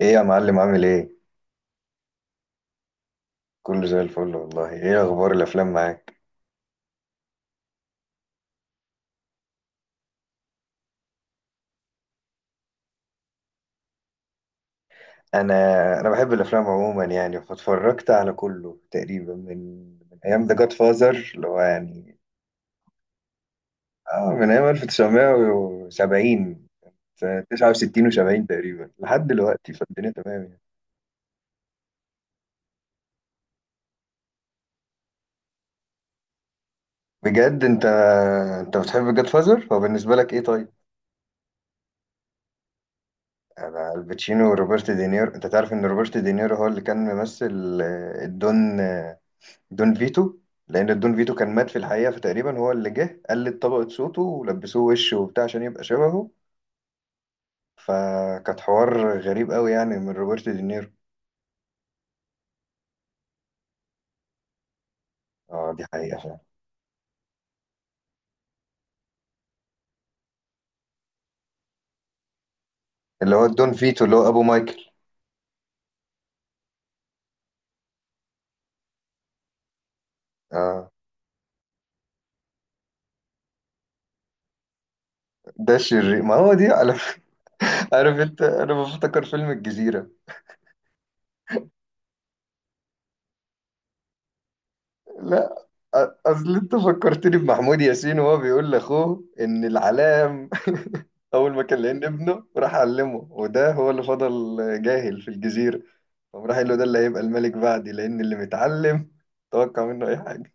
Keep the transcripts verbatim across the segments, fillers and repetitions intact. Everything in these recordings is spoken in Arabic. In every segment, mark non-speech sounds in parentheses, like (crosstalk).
ايه يا معلم، عامل ايه؟ كله زي الفل والله. ايه اخبار الافلام معاك؟ انا انا بحب الافلام عموما يعني، فاتفرجت على كله تقريبا من من ايام ذا جاد فازر اللي هو يعني اه من ايام ألف وتسعمية وسبعين، تسعة وستين و70 تقريبا لحد دلوقتي، فالدنيا تمام يعني. بجد انت انت بتحب جاد فازر؟ هو بالنسبه لك ايه طيب؟ انا الباتشينو وروبرت دينيرو. انت تعرف ان روبرت دينيرو هو اللي كان ممثل آه، الدون آه، دون فيتو، لان دون فيتو كان مات في الحقيقه، فتقريبا هو اللي جه قلد طبقه صوته ولبسوه وش وبتاع عشان يبقى شبهه. فكانت حوار غريب قوي يعني من روبرت دينيرو. اه دي حقيقه فعلا. اللي هو دون فيتو اللي هو ابو مايكل. اه، ده الشرير، ما هو دي على (laughs) عارف انت، انا بفتكر فيلم الجزيره. لا، أ- اصل انت فكرتني بمحمود ياسين وهو بيقول لاخوه ان العلام (laughs) اول ما كان لقينا ابنه راح علمه، وده هو اللي فضل جاهل في الجزيره. قام راح قال له، ده اللي هيبقى الملك بعدي، لأن اللي متعلم توقع منه أي حاجة.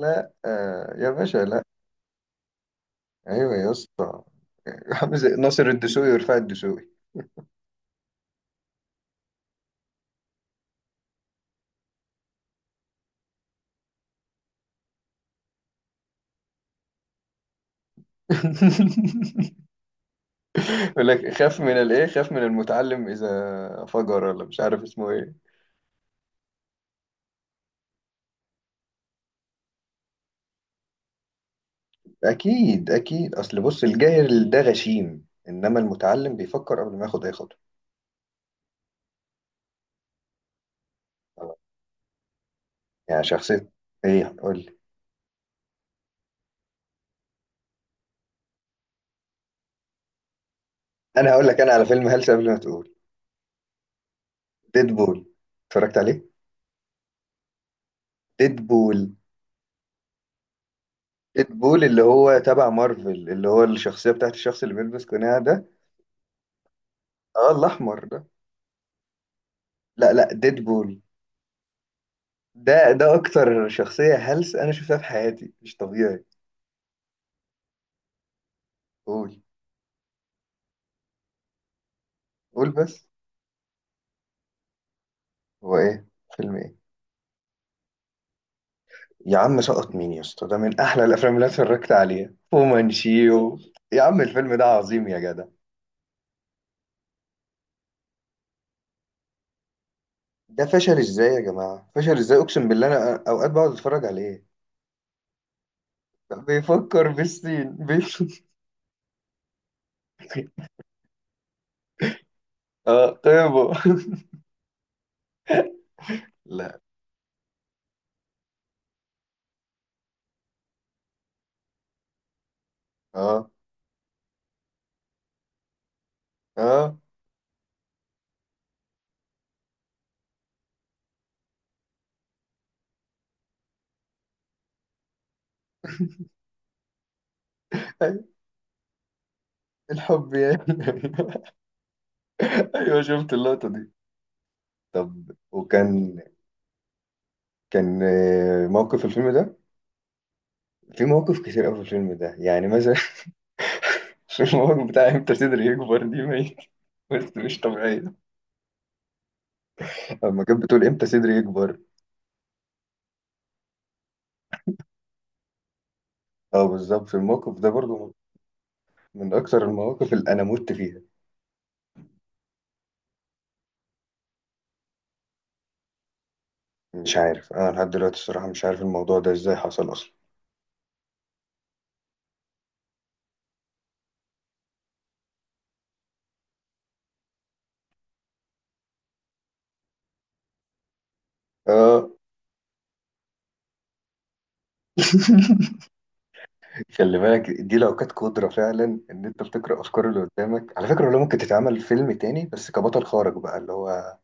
لا آه يا باشا، لا. أيوة يا اسطى. (laughs) عامل زي ناصر الدسوقي ورفاعي الدسوقي. (laughs) يقول لك، خاف من الايه؟ خاف من المتعلم، اذا فجر ولا مش عارف اسمه ايه. اكيد اكيد، اصل بص، الجاهل ده غشيم، انما المتعلم بيفكر قبل ما ياخد اي خطوه. يعني شخصيه. ايه قول لي. انا هقول لك، انا على فيلم هلس قبل ما تقول. ديدبول، اتفرجت عليه. ديدبول. بول اللي هو تبع مارفل، اللي هو الشخصية بتاعت الشخص اللي بيلبس قناع ده، اه الأحمر ده. لا لا بول، ده ده أكتر شخصية هلس أنا شفتها في حياتي، مش طبيعي. قول، قول بس، هو إيه؟ فيلم إيه؟ يا عم سقط مين يا اسطى؟ ده من أحلى الأفلام اللي أنا اتفرجت عليها ومنشيو. يا عم الفيلم ده عظيم يا جدع. ده فشل إزاي يا جماعة؟ فشل إزاي؟ أقسم بالله أنا أوقات بقعد أتفرج عليه. بيفكر بالسين، بيفكر. (laughs) اه طيبه. لا اه اه أي- الحب يعني. (laughs) ايوه شفت اللقطه دي. طب وكان كان آه، موقف في الفيلم ده، في مواقف كتير قوي في الفيلم ده يعني مثلا (laughs) في الموقف بتاع امتى صدري يكبر، دي ميت، بس مش طبيعيه. لما كانت بتقول، امتى صدري يكبر، اه بالظبط في الموقف ده برضو من اكثر المواقف اللي انا مت فيها. مش عارف انا لحد دلوقتي الصراحه، مش عارف الموضوع ده ازاي حصل اصلا. اه. (laughs) خلي بالك دي لو كانت قدرة فعلا، إن أنت بتقرأ أفكار اللي قدامك، على فكرة والله ممكن تتعمل فيلم تاني، بس كبطل خارق بقى، اللي هو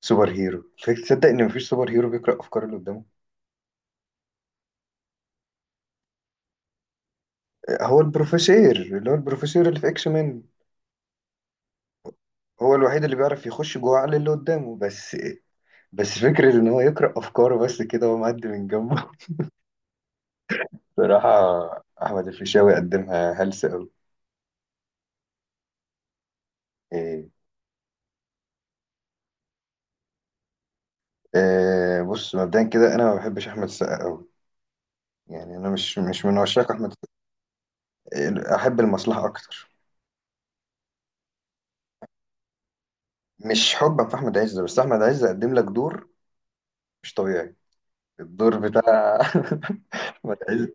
سوبر هيرو. فك- تصدق إن مفيش سوبر هيرو بيقرأ أفكار اللي قدامه؟ هو البروفيسور، اللي هو البروفيسور اللي في إكس مان، هو الوحيد اللي بيعرف يخش جوه عقل اللي قدامه بس. بس فكرة إن هو يقرأ أفكاره بس كده وهو معدي من جنبه. (laughs) صراحة أحمد الفيشاوي قدمها هلسة أوي. إيه. إيه، بص مبدئيا كده أنا ما بحبش أحمد السقا أوي، يعني أنا مش مش من عشاق أحمد. احب المصلحه اكتر. مش حبا في احمد عز، بس احمد عز قدم لك دور مش طبيعي، الدور بتاع (laughs) احمد عز.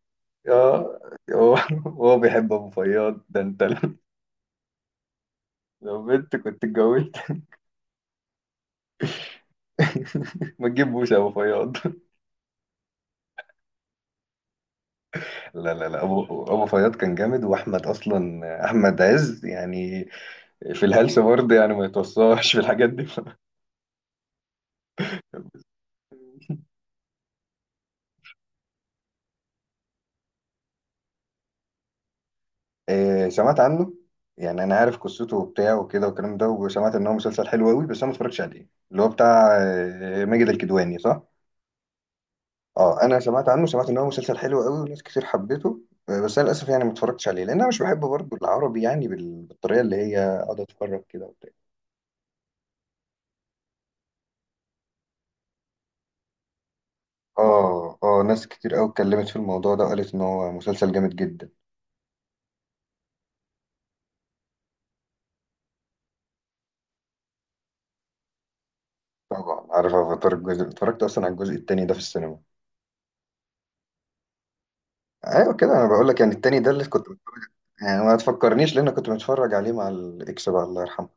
اه هو (laughs) هو بيحب ابو فياض ده انت. (laughs) لو بنت كنت اتجوزت. (laughs) ما تجيبوش ابو فياض. (laughs) لا لا لا، ابو ابو فياض كان جامد، واحمد اصلا، احمد عز يعني في الهلس برضه، يعني ما يتوصاش في الحاجات دي. إيه، سمعت عنه، يعني انا عارف قصته وبتاع وكده والكلام ده، وسمعت ان هو مسلسل حلو قوي، بس انا ما اتفرجتش عليه. اللي هو بتاع آه، ماجد الكدواني، صح. اه انا سمعت عنه، سمعت ان هو مسلسل حلو قوي وناس كتير حبته. آه، بس انا للاسف يعني ما اتفرجتش عليه، لان انا مش بحب برضه العربي، يعني بال- بالطريقه اللي هي اقعد اتفرج كده وبتاع. اه اه ناس كتير قوي اتكلمت في الموضوع ده، وقالت ان هو مسلسل جامد جدا. طبعا عارف افاتار. الجزء اتفرجت اصلا على الجزء التاني ده في السينما. ايوه كده، انا بقول لك يعني التاني ده اللي كنت، يعني ما تفكرنيش، لان كنت بتفرج عليه مع الاكس بقى، الله يرحمه.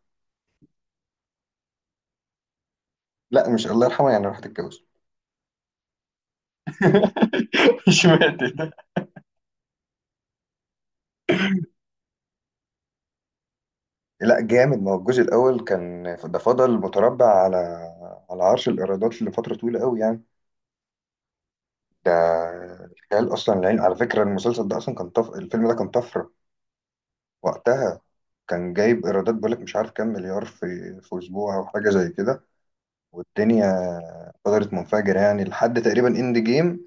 لا مش الله يرحمه يعني، راح تتجوز. (laughs) اشمعنى ده. لا جامد، ما هو الجزء الاول كان ده فضل متربع على على عرش الايرادات لفتره طويله قوي يعني. ده خيال اصلا. العين على فكره، المسلسل ده اصلا كان طف... الفيلم ده كان طفره وقتها، كان جايب ايرادات بقولك مش عارف كام مليار في في اسبوع او حاجه زي كده، والدنيا فضلت منفجره يعني لحد تقريبا اند جيم.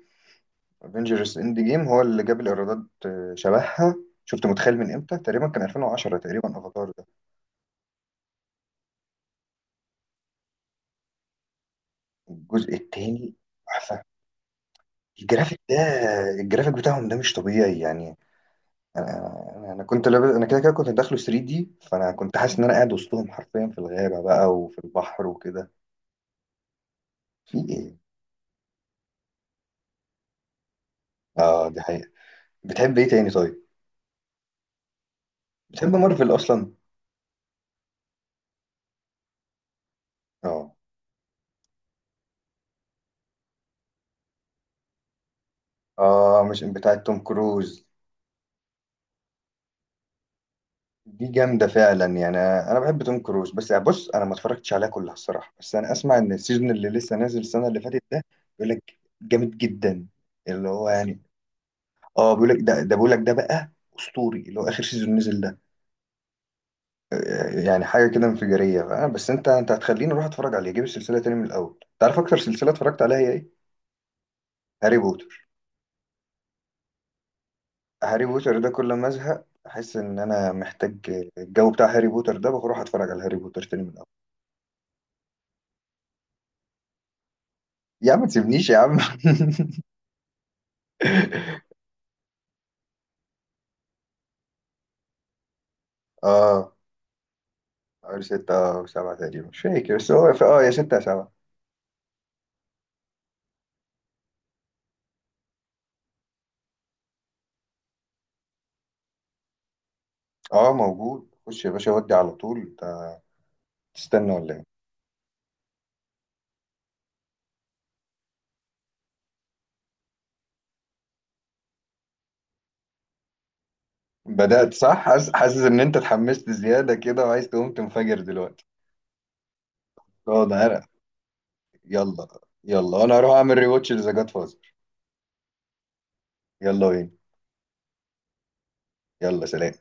افنجرز اند جيم هو اللي جاب الايرادات آه، شبهها. شفت؟ متخيل؟ من امتى تقريبا كان ألفين وعشرة تقريبا افاتار ده. الجزء التاني تحفه، الجرافيك ده، الجرافيك بتاعهم ده مش طبيعي يعني. انا انا كنت لابس، انا كده كده كنت داخله 3 دي، فانا كنت حاسس ان انا قاعد وسطهم حرفيا في الغابه بقى وفي البحر وكده. في ايه؟ اه دي حقيقه. بتحب ايه تاني طيب؟ بتحب مارفل اصلا؟ اه اه، مش بتاعه توم كروز؟ دي جامده فعلا يعني. انا بحب توم كروز، بس يعني بص انا ما اتفرجتش عليها كلها الصراحه، بس انا اسمع ان السيزون اللي لسه نازل السنه اللي فاتت ده بيقول لك جامد جدا، اللي هو يعني. اه بيقول لك ده ده بيقول لك ده بقى اسطوري، اللي هو اخر سيزون نزل ده. آه، يعني حاجه كده انفجاريه، فأنا- بس انت انت هتخليني اروح اتفرج عليه، اجيب السلسله تاني من الاول. تعرف اكتر سلسله اتفرجت عليها هي ايه؟ هاري بوتر. هاري بوتر ده كل ما ازهق احس ان انا محتاج الجو بتاع هاري بوتر ده، بروح اتفرج على هاري بوتر تاني من الاول. يا عم ما تسيبنيش يا عم. (laughs) (laughs) اه، اول ستة اه، أو سبعة تقريبا مش فاكر، بس هو في اه يا ستة يا سبعة. اه موجود، خش يا باشا ودي على طول، انت تستنى ولا ايه؟ بدأت صح، حاسس حاسس ان انت اتحمست زيادة كده وعايز تقوم تنفجر دلوقتي. اه ده عرق. يلا. يلا انا هروح اعمل ريواتش لذا جاد فازر. يلا وين. يلا سلام.